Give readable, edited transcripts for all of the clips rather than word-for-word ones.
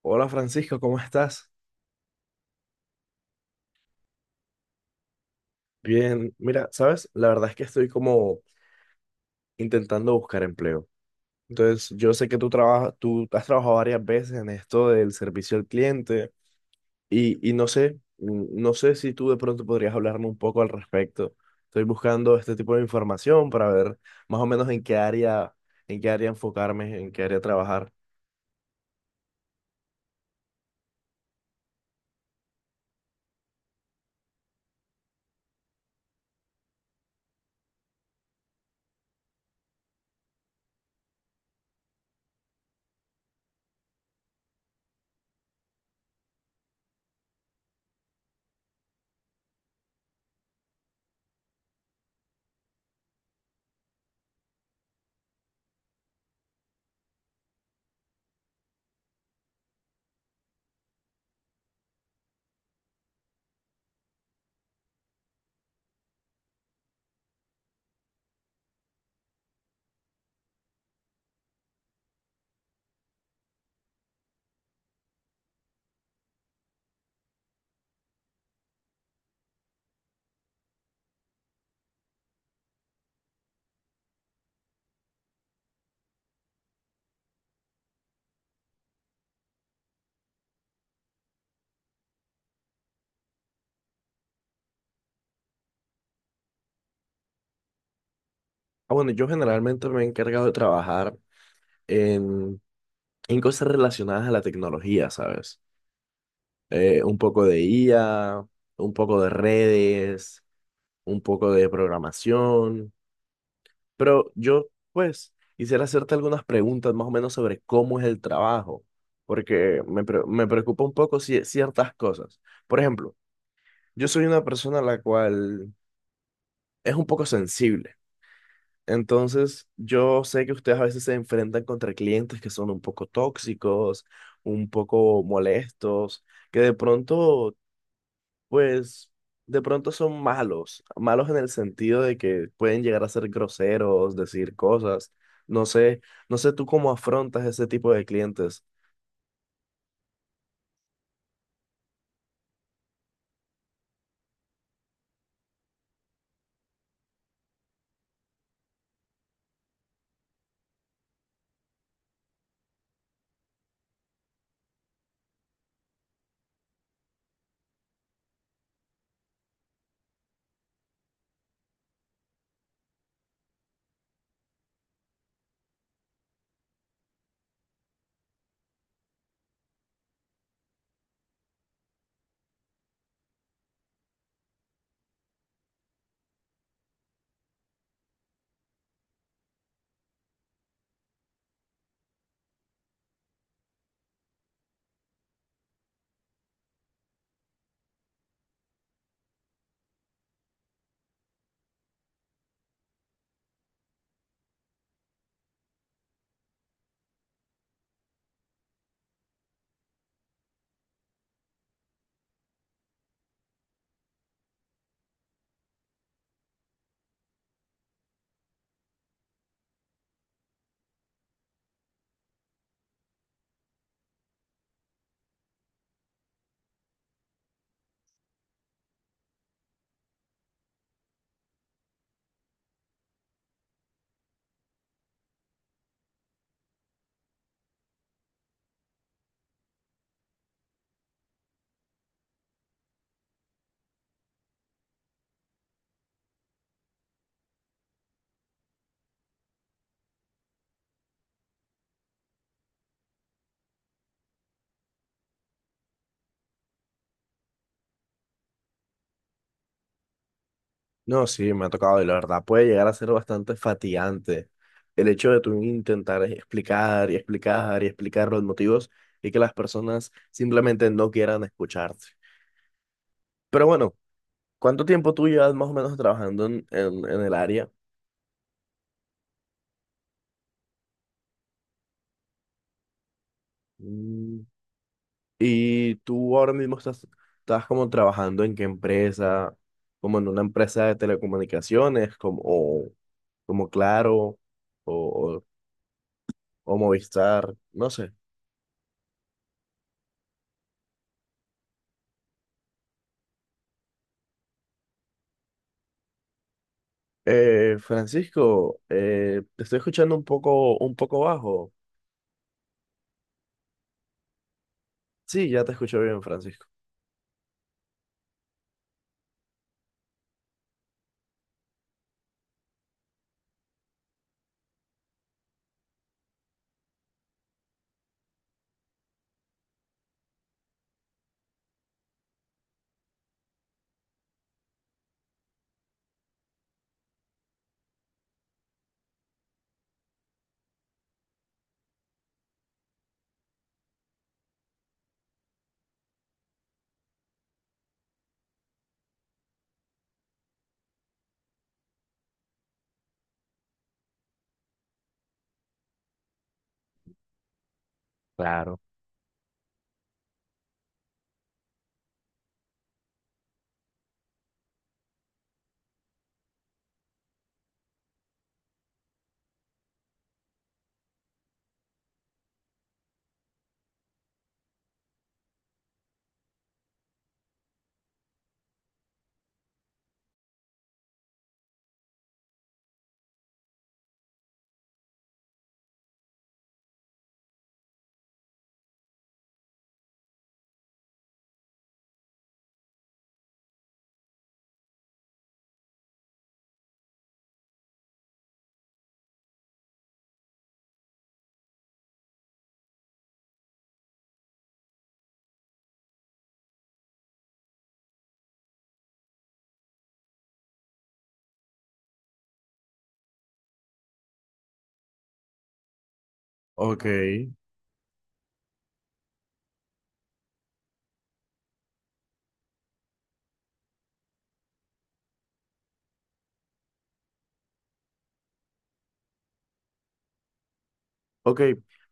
Hola, Francisco, ¿cómo estás? Bien, mira, sabes, la verdad es que estoy como intentando buscar empleo. Entonces, yo sé que tú trabajas, tú has trabajado varias veces en esto del servicio al cliente y no sé, no sé si tú de pronto podrías hablarme un poco al respecto. Estoy buscando este tipo de información para ver más o menos en qué área enfocarme, en qué área trabajar. Bueno, yo generalmente me he encargado de trabajar en, en cosas relacionadas a la tecnología, ¿sabes? Un poco de IA, un poco de redes, un poco de programación. Pero yo, pues, quisiera hacerte algunas preguntas más o menos sobre cómo es el trabajo, porque me preocupa un poco ciertas cosas. Por ejemplo, yo soy una persona la cual es un poco sensible. Entonces, yo sé que ustedes a veces se enfrentan contra clientes que son un poco tóxicos, un poco molestos, que de pronto. Pues de pronto son malos, malos en el sentido de que pueden llegar a ser groseros, decir cosas. No sé, no sé tú cómo afrontas ese tipo de clientes. No, sí, me ha tocado y la verdad puede llegar a ser bastante fatigante el hecho de tú intentar explicar y explicar y explicar los motivos y que las personas simplemente no quieran escucharte. Pero bueno, ¿cuánto tiempo tú llevas más o menos trabajando en el área? Mm. ¿Y tú ahora mismo estás, estás como trabajando en qué empresa? ¿Como en una empresa de telecomunicaciones? Como, o, como Claro o, o Movistar, no sé. Francisco, te estoy escuchando un poco bajo. Sí, ya te escucho bien, Francisco. Ok, ok,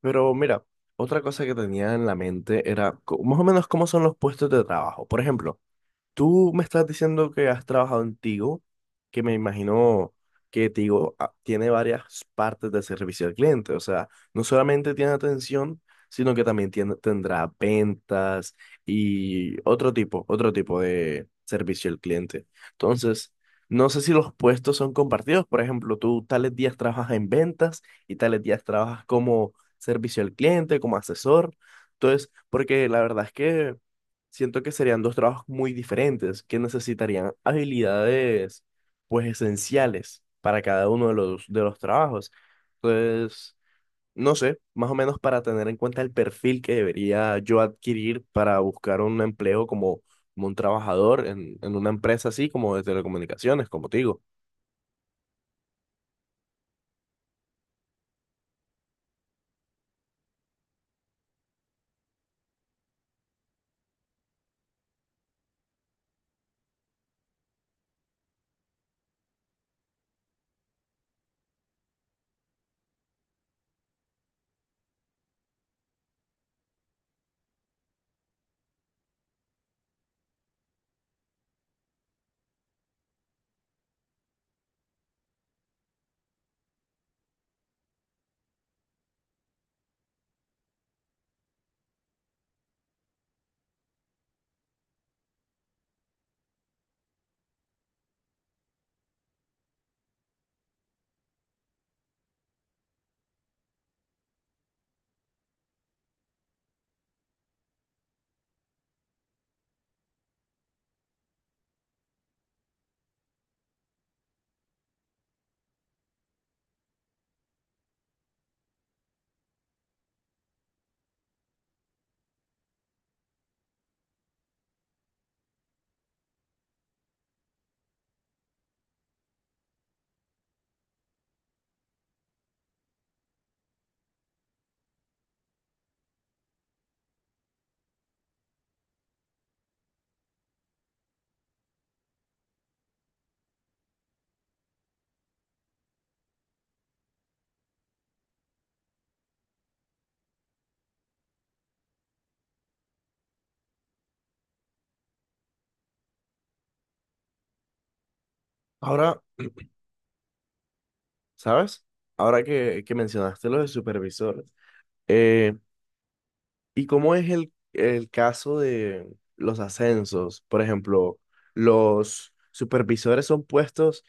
pero mira, otra cosa que tenía en la mente era más o menos cómo son los puestos de trabajo. Por ejemplo, tú me estás diciendo que has trabajado en Tigo, que me imagino que Tigo tiene varias partes de servicio al cliente. O sea, no solamente tiene atención, sino que también tiene- tendrá ventas y otro tipo de servicio al cliente. Entonces, no sé si los puestos son compartidos. Por ejemplo, tú tales días trabajas en ventas y tales días trabajas como servicio al cliente, como asesor. Entonces, porque la verdad es que siento que serían dos trabajos muy diferentes, que necesitarían habilidades pues esenciales para cada uno de de los trabajos. Entonces, no sé, más o menos para tener en cuenta el perfil que debería yo adquirir para buscar un empleo como, como un trabajador en una empresa así como de telecomunicaciones, como te digo. Ahora, ¿sabes? Ahora que mencionaste lo de supervisores. ¿Y cómo es el caso de los ascensos? Por ejemplo, ¿los supervisores son puestos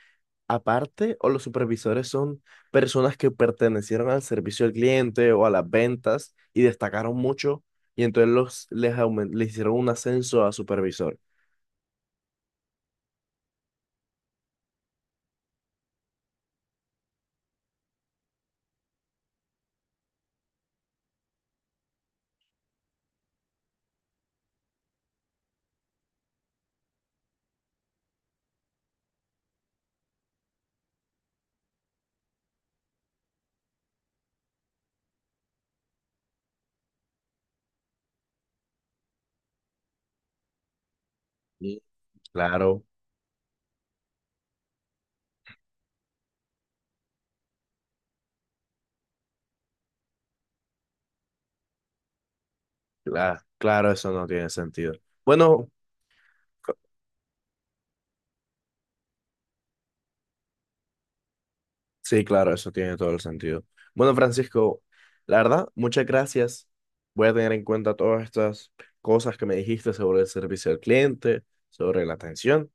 aparte o los supervisores son personas que pertenecieron al servicio al cliente o a las ventas y destacaron mucho y entonces les hicieron un ascenso a supervisor? Mm. Claro, claro, eso no tiene sentido. Bueno. Sí, claro, eso tiene todo el sentido. Bueno, Francisco, la verdad, muchas gracias. Voy a tener en cuenta todas estas cosas que me dijiste sobre el servicio al cliente, sobre la atención,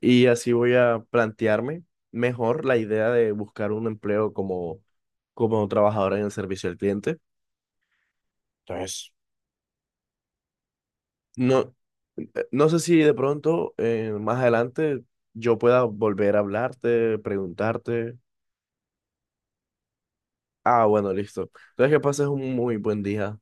y así voy a plantearme mejor la idea de buscar un empleo como, como trabajador en el servicio al cliente. Entonces, no, no sé si de pronto, más adelante, yo pueda volver a hablarte, preguntarte. Ah, bueno, listo. Entonces, que pases un muy buen día.